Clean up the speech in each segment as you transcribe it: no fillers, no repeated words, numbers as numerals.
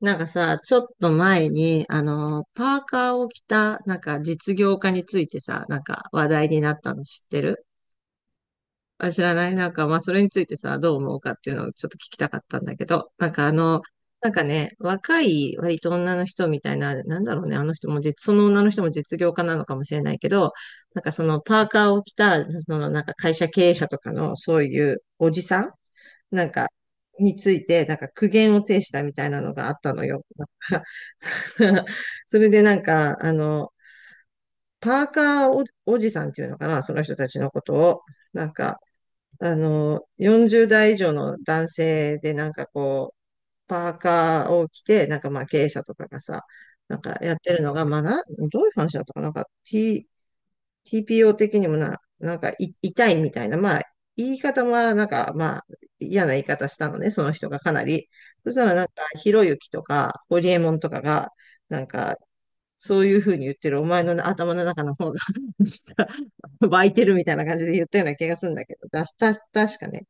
なんかさ、ちょっと前に、あの、パーカーを着た、なんか実業家についてさ、なんか話題になったの知ってる？あ、知らない。なんか、まあ、それについてさ、どう思うかっていうのをちょっと聞きたかったんだけど、なんかあの、なんかね、若い割と女の人みたいな、なんだろうね、あの人も実、その女の人も実業家なのかもしれないけど、なんかそのパーカーを着た、そのなんか会社経営者とかの、そういうおじさんなんか、について、なんか苦言を呈したみたいなのがあったのよ。それでなんか、あの、パーカーおじさんっていうのかな、その人たちのことを。なんか、あの、40代以上の男性でなんかこう、パーカーを着て、なんかまあ経営者とかがさ、なんかやってるのが、まあな、どういう話だったかな。なんか TPO 的にもな、なんか痛いみたいな、まあ言い方もなんかまあ嫌な言い方したのね、その人がかなり。そしたらなんかひろゆきとかホリエモンとかが、なんかそういうふうに言ってるお前の頭の中の方が 湧いてるみたいな感じで言ったような気がするんだけど、だた、確かね。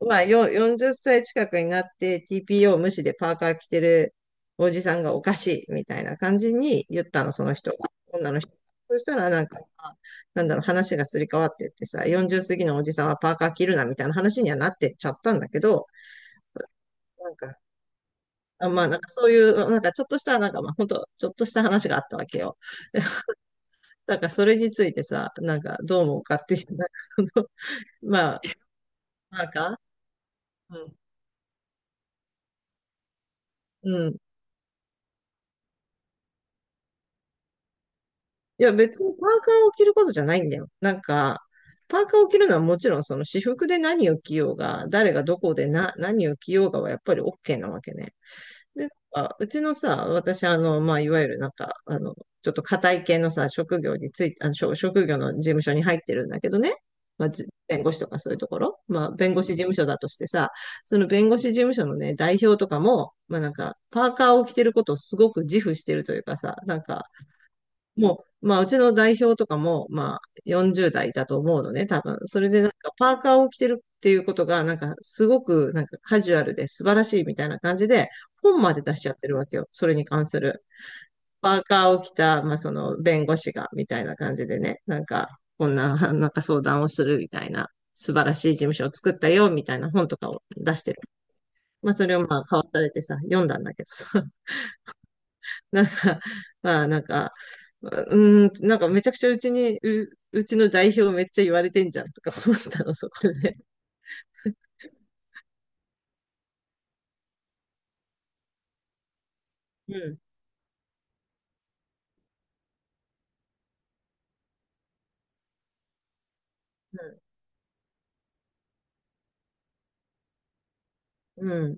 まあ、40歳近くになって TPO 無視でパーカー着てるおじさんがおかしいみたいな感じに言ったの、その人が。女の人。そしたらなんか、まあなんだろう、話がすり替わってってさ、40過ぎのおじさんはパーカー着るなみたいな話にはなってっちゃったんだけど、なんか、あまあなんかそういう、なんかちょっとした、なんかまあ本当ちょっとした話があったわけよ。で、だからそれについてさ、なんかどう思うかっていう、なんかその まあ、パーカーうん。うん。いや、別にパーカーを着ることじゃないんだよ。なんか、パーカーを着るのはもちろんその私服で何を着ようが、誰がどこでな、何を着ようがはやっぱり OK なわけね。で、なんかうちのさ、私、あの、まあ、いわゆるなんか、あの、ちょっと堅い系のさ、職業について、あの、職職業の事務所に入ってるんだけどね。まあ、弁護士とかそういうところ。まあ、弁護士事務所だとしてさ、その弁護士事務所のね、代表とかも、まあなんか、パーカーを着てることをすごく自負してるというかさ、なんか、もう、まあ、うちの代表とかも、まあ、40代だと思うのね、多分。それでなんか、パーカーを着てるっていうことが、なんか、すごく、なんか、カジュアルで素晴らしいみたいな感じで、本まで出しちゃってるわけよ。それに関する。パーカーを着た、まあ、その、弁護士が、みたいな感じでね、なんか、こんな、なんか相談をするみたいな、素晴らしい事務所を作ったよ、みたいな本とかを出してる。まあ、それをまあ、買わされてさ、読んだんだけどさ。なんか、まあなんか、うーん、なんかめちゃくちゃうちに、うちの代表めっちゃ言われてんじゃんとか思ったの、そこで。うん。うん。うん。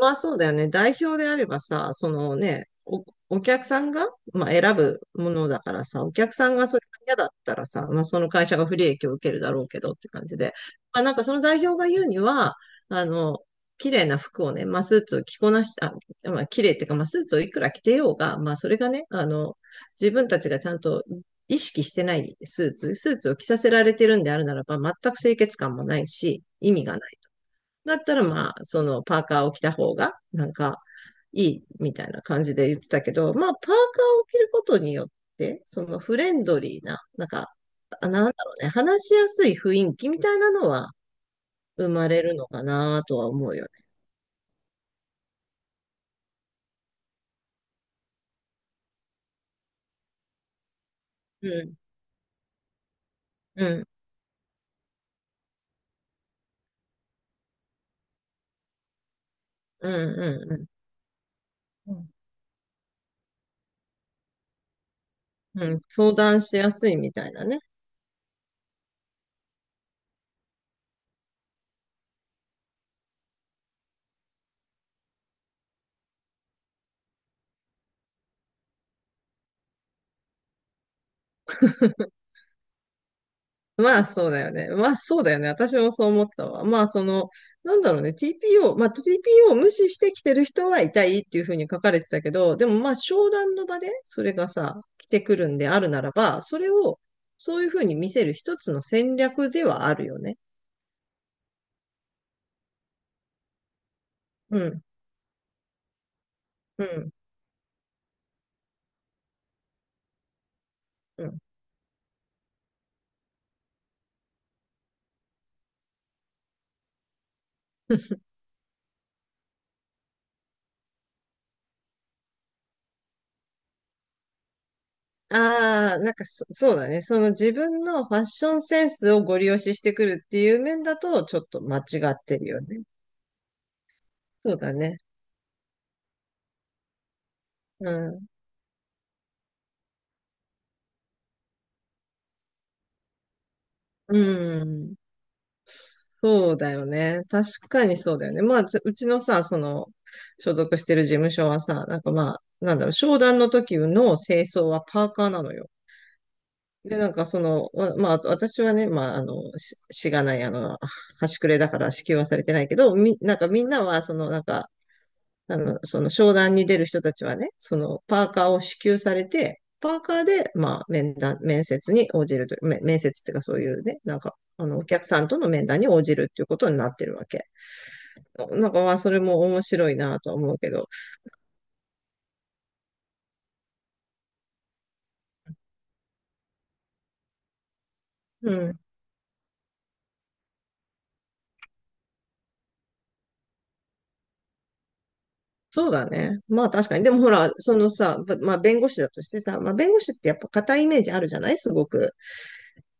まあそうだよね。代表であればさ、そのね、お、お客さんが、まあ、選ぶものだからさ、お客さんがそれが嫌だったらさ、まあその会社が不利益を受けるだろうけどって感じで。まあなんかその代表が言うには、あの、綺麗な服をね、まあスーツを着こなした、あまあ綺麗っていうか、まあスーツをいくら着てようが、まあそれがね、あの、自分たちがちゃんと意識してないスーツを着させられてるんであるならば、全く清潔感もないし、意味がない。だったらまあ、そのパーカーを着た方が、なんか、いいみたいな感じで言ってたけど、まあ、パーカーを着ることによって、そのフレンドリーな、なんか、あなんだろうね、話しやすい雰囲気みたいなのは生まれるのかなとは思うよね。うん、うん、うん、うん、うん。うん、相談しやすいみたいなね。まあそうだよね。まあそうだよね。私もそう思ったわ。まあその、なんだろうね。TPO、まあ TPO を無視してきてる人はいたいっていうふうに書かれてたけど、でもまあ商談の場でそれがさ、来てくるんであるならば、それをそういうふうに見せる一つの戦略ではあるよね。うん、うん、うん。ああ、なんかそうだね。その自分のファッションセンスをご利用ししてくるっていう面だと、ちょっと間違ってるよね。そうだね。うん。うん。そうだよね。確かにそうだよね。まあ、うちのさ、その、所属してる事務所はさ、なんかまあ、なんだろう、商談の時の清掃はパーカーなのよ。で、なんかその、まあ、あと私はね、まあ、あの、しがない、あの、端くれだから支給はされてないけど、み、なんかみんなは、その、なんか、あの、その商談に出る人たちはね、その、パーカーを支給されて、パーカーで、まあ、面談、面接に応じると、面接っていうかそういうね、なんか、あの、お客さんとの面談に応じるっていうことになってるわけ。なんかまあ、それも面白いなとは思うけど。うん。そうだね。まあ確かに。でもほら、そのさ、まあ弁護士だとしてさ、まあ弁護士ってやっぱ硬いイメージあるじゃないすごく。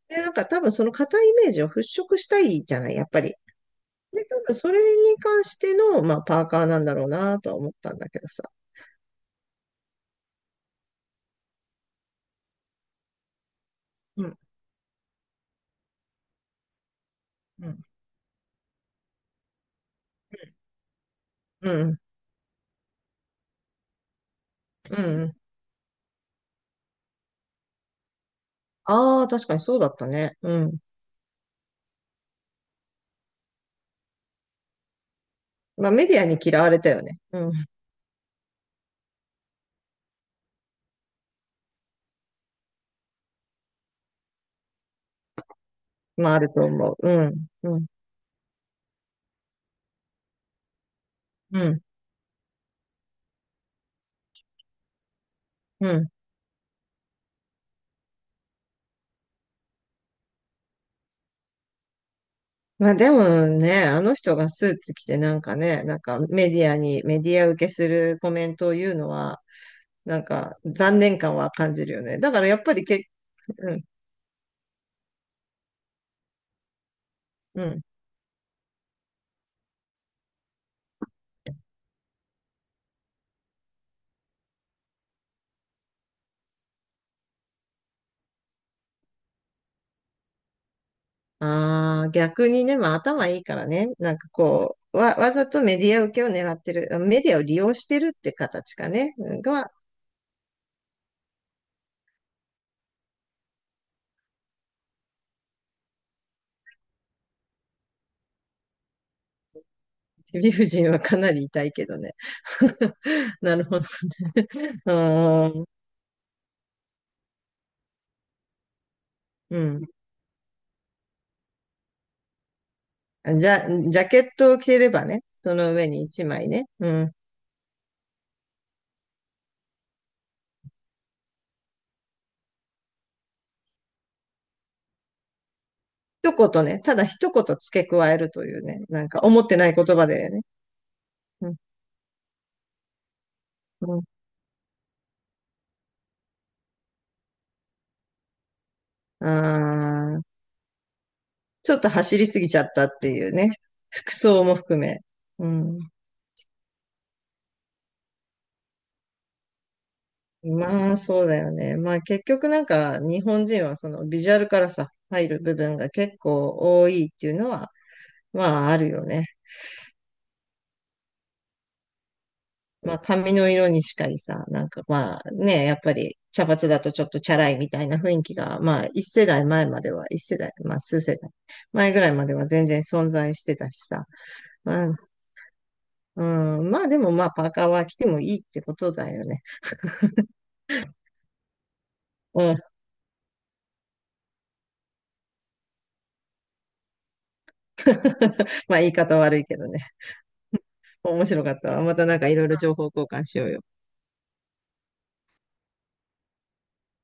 で、なんか多分その硬いイメージを払拭したいじゃないやっぱり。で、多分それに関しての、まあパーカーなんだろうなとは思ったんだけどさ。うん、うん、うん、うん。ああ、確かにそうだったね。うん。まあメディアに嫌われたよね。うん。まああると思う。うん、うん、うん、うん。まあでもね、あの人がスーツ着てなんかね、なんかメディアに、メディア受けするコメントを言うのは、なんか残念感は感じるよね。だからやっぱりけ、うん、うん。ああ、逆にね、まあ頭いいからね、なんかこう、わざとメディア受けを狙ってる、メディアを利用してるって形かね、が、理不尽はかなり痛いけどね。なるほど。うーん。うん。ジャケットを着てればね、その上に一枚ね。うん。一言ね、ただ一言付け加えるというね、なんか思ってない言葉でね。うん、うん、あー、ちょっと走りすぎちゃったっていうね。服装も含め。うん、まあ、そうだよね。まあ、結局なんか日本人はそのビジュアルからさ、入る部分が結構多いっていうのは、まあ、あるよね。まあ髪の色にしかりさ、なんかまあね、やっぱり茶髪だとちょっとチャラいみたいな雰囲気が、まあ一世代前までは、一世代、まあ数世代前ぐらいまでは全然存在してたしさ。うん、うん、まあでもまあパーカーは着てもいいってことだよね。うん、まあ言い方悪いけどね。面白かったわ。またなんかいろいろ情報交換しようよ。